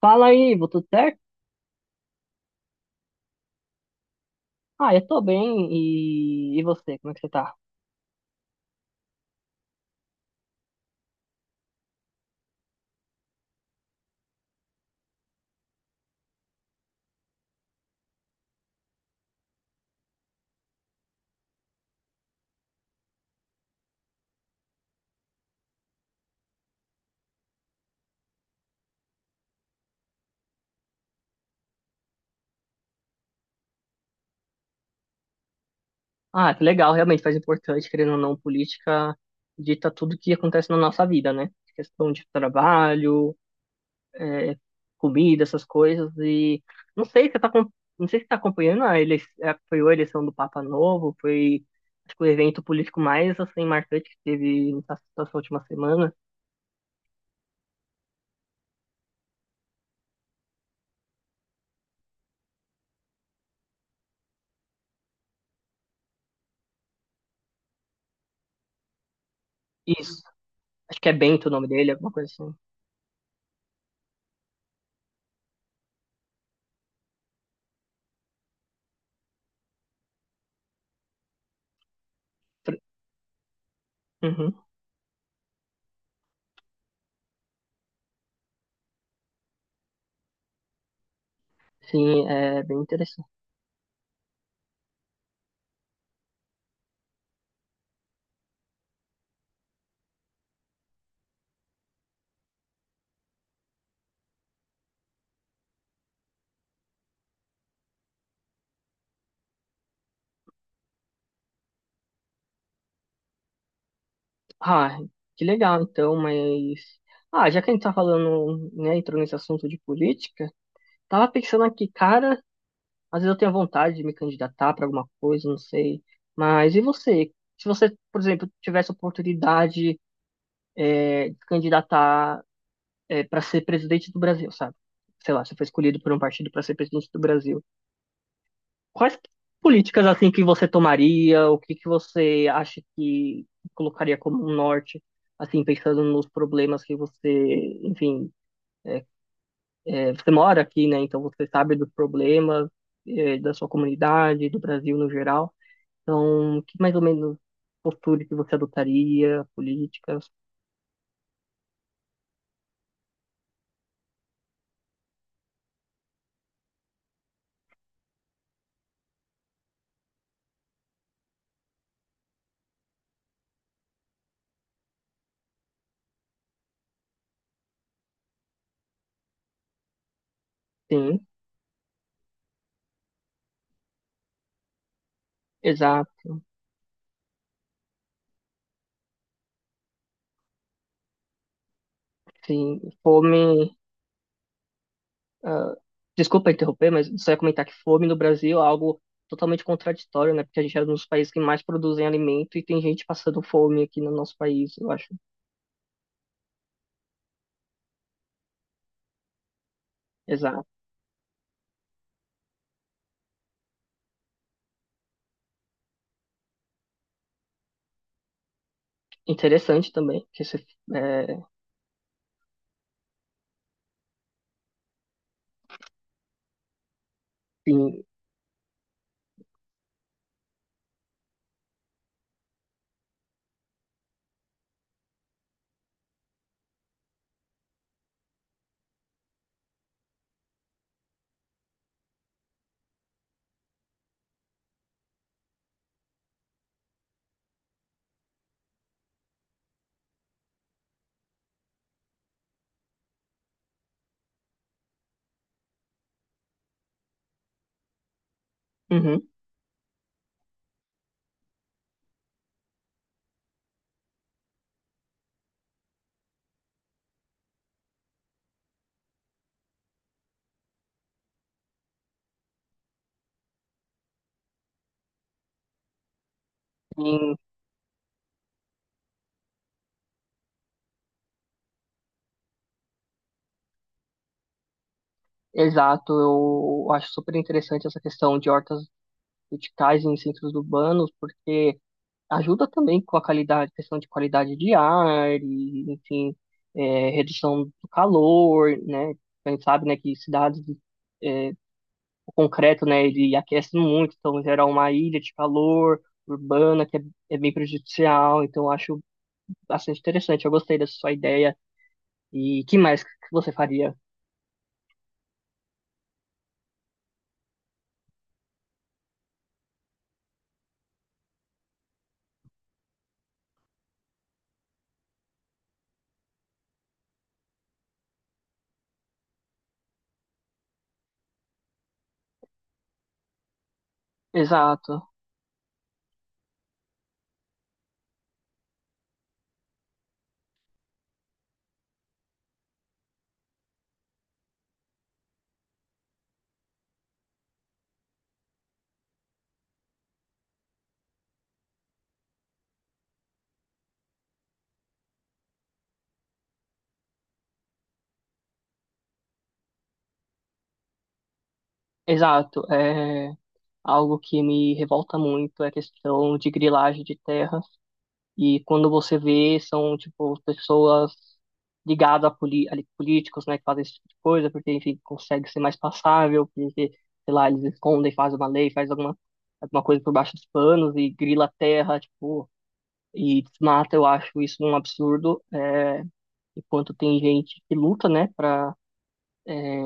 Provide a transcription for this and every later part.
Fala aí, Ivo, tudo certo? Ah, eu tô bem, e você, como é que você tá? Ah, que legal, realmente faz importante, querendo ou não, política dita tudo que acontece na nossa vida, né? Questão de trabalho, é, comida, essas coisas, e não sei se você tá, acom- não sei se você tá acompanhando a eleição, foi a eleição do Papa Novo, foi, acho que o evento político mais, assim, marcante que teve nessa última semana. Isso, acho que é Bento o nome dele, alguma coisa assim. Uhum. Sim, é bem interessante. Ah, que legal então, mas. Ah, já que a gente tá falando, né, entrou nesse assunto de política, tava pensando aqui, cara, às vezes eu tenho vontade de me candidatar pra alguma coisa, não sei. Mas e você? Se você, por exemplo, tivesse a oportunidade, é, de se candidatar, é, para ser presidente do Brasil, sabe? Sei lá, você foi escolhido por um partido para ser presidente do Brasil. Quais políticas assim que você tomaria? O que que você acha que colocaria como um norte, assim, pensando nos problemas que você, enfim, é, você mora aqui, né? Então você sabe dos problemas, é, da sua comunidade, do Brasil no geral. Então, que mais ou menos postura que você adotaria, políticas? Sim, exato. Sim, fome, ah, desculpa interromper, mas só ia comentar que fome no Brasil é algo totalmente contraditório, né? Porque a gente é um dos países que mais produzem alimento e tem gente passando fome aqui no nosso país, eu acho. Exato. Interessante também, que esse, é, enfim, uhum, sim, exato, eu acho super interessante essa questão de hortas verticais em centros urbanos, porque ajuda também com a qualidade, questão de qualidade de ar, e, enfim, é, redução do calor, né? A gente sabe, né, que cidades é, o concreto, né, ele aquece muito, então gera uma ilha de calor urbana que é, é bem prejudicial, então eu acho bastante interessante, eu gostei dessa sua ideia. E que mais que você faria? Exato, exato. É algo que me revolta muito é a questão de grilagem de terra. E quando você vê, são, tipo, pessoas ali, políticos, né, que fazem esse tipo de coisa, porque, enfim, consegue ser mais passável, porque, sei lá, eles escondem, fazem uma lei, alguma coisa por baixo dos panos e grila a terra, tipo, e desmata, eu acho isso um absurdo, é, enquanto tem gente que luta, né, pra é,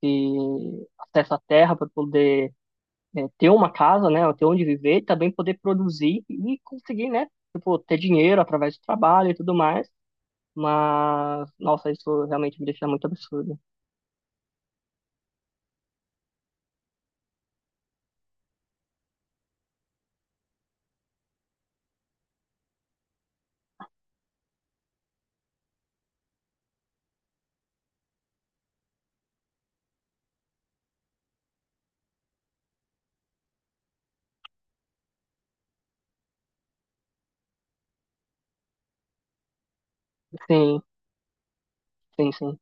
ter acesso à terra, para poder é, ter uma casa, né, ter onde viver, e também poder produzir e conseguir, né, tipo, ter dinheiro através do trabalho e tudo mais, mas, nossa, isso realmente me deixa muito absurdo. Sim, sim, sim.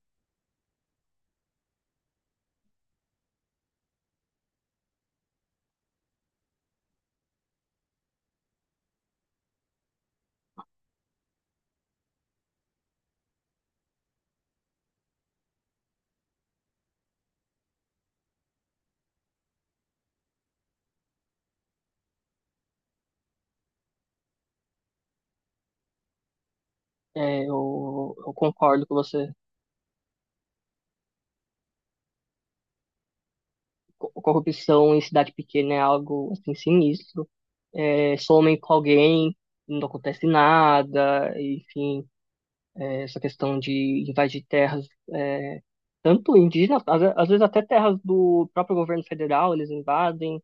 É, eu concordo com você. Corrupção em cidade pequena é algo, assim, sinistro. É, somem com alguém, não acontece nada. Enfim, é, essa questão de invadir terras, é, tanto indígenas, às vezes até terras do próprio governo federal, eles invadem.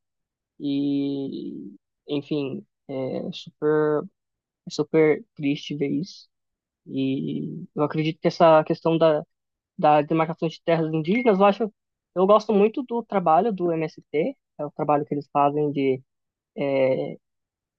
E, enfim, é super, super triste ver isso. E eu acredito que essa da demarcação de terras indígenas, eu acho, eu gosto muito do trabalho do MST, é o trabalho que eles fazem de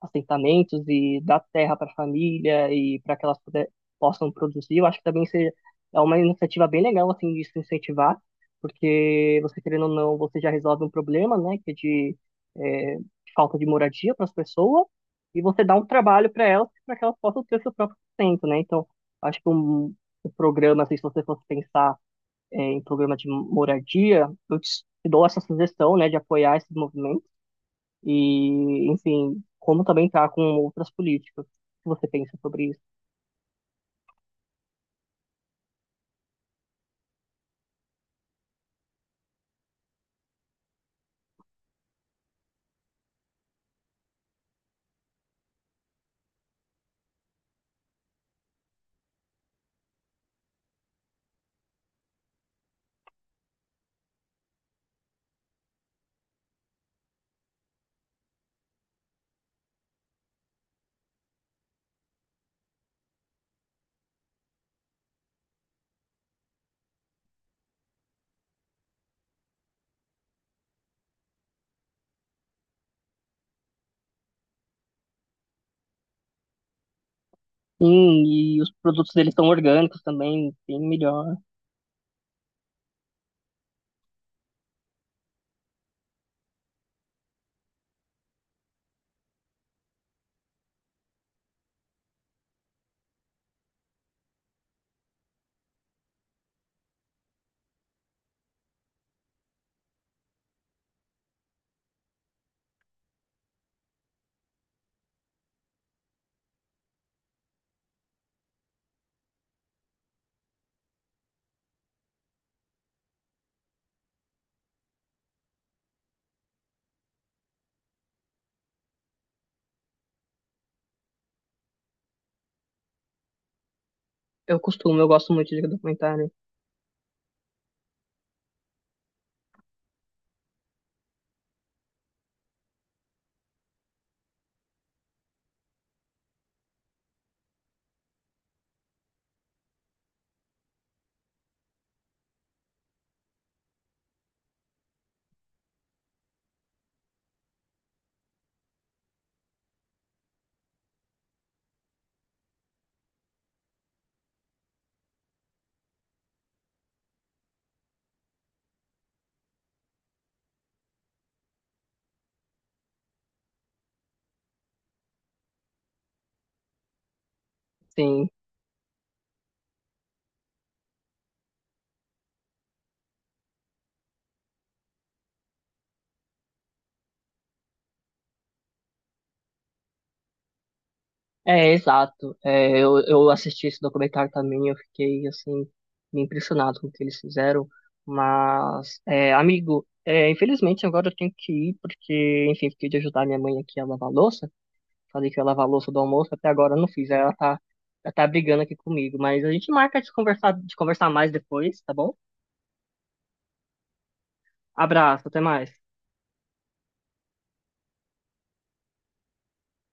assentamentos e dar terra para a família e para possam produzir. Eu acho que também seja, é uma iniciativa bem legal assim de se incentivar, porque você querendo ou não, você já resolve um problema, né, que é de é, falta de moradia para as pessoas e você dá um trabalho para elas para que elas possam ter o seu próprio sustento, né? Então, acho que um programa, assim, se você fosse pensar é, em programa de moradia, eu te dou essa sugestão, né, de apoiar esses movimentos e, enfim, como também tá com outras políticas. O que você pensa sobre isso? Sim, e os produtos deles são orgânicos também, bem melhor. Eu costumo, eu gosto muito de documentário. Sim, é exato. É, eu assisti esse documentário também, eu fiquei, assim, me impressionado com o que eles fizeram. Mas, é, amigo, é, infelizmente agora eu tenho que ir, porque, enfim, fiquei de ajudar minha mãe aqui a lavar a louça. Falei que ia lavar a louça do almoço, até agora eu não fiz. Aí ela tá brigando aqui comigo. Mas a gente marca de conversar mais depois, tá bom? Abraço, até mais.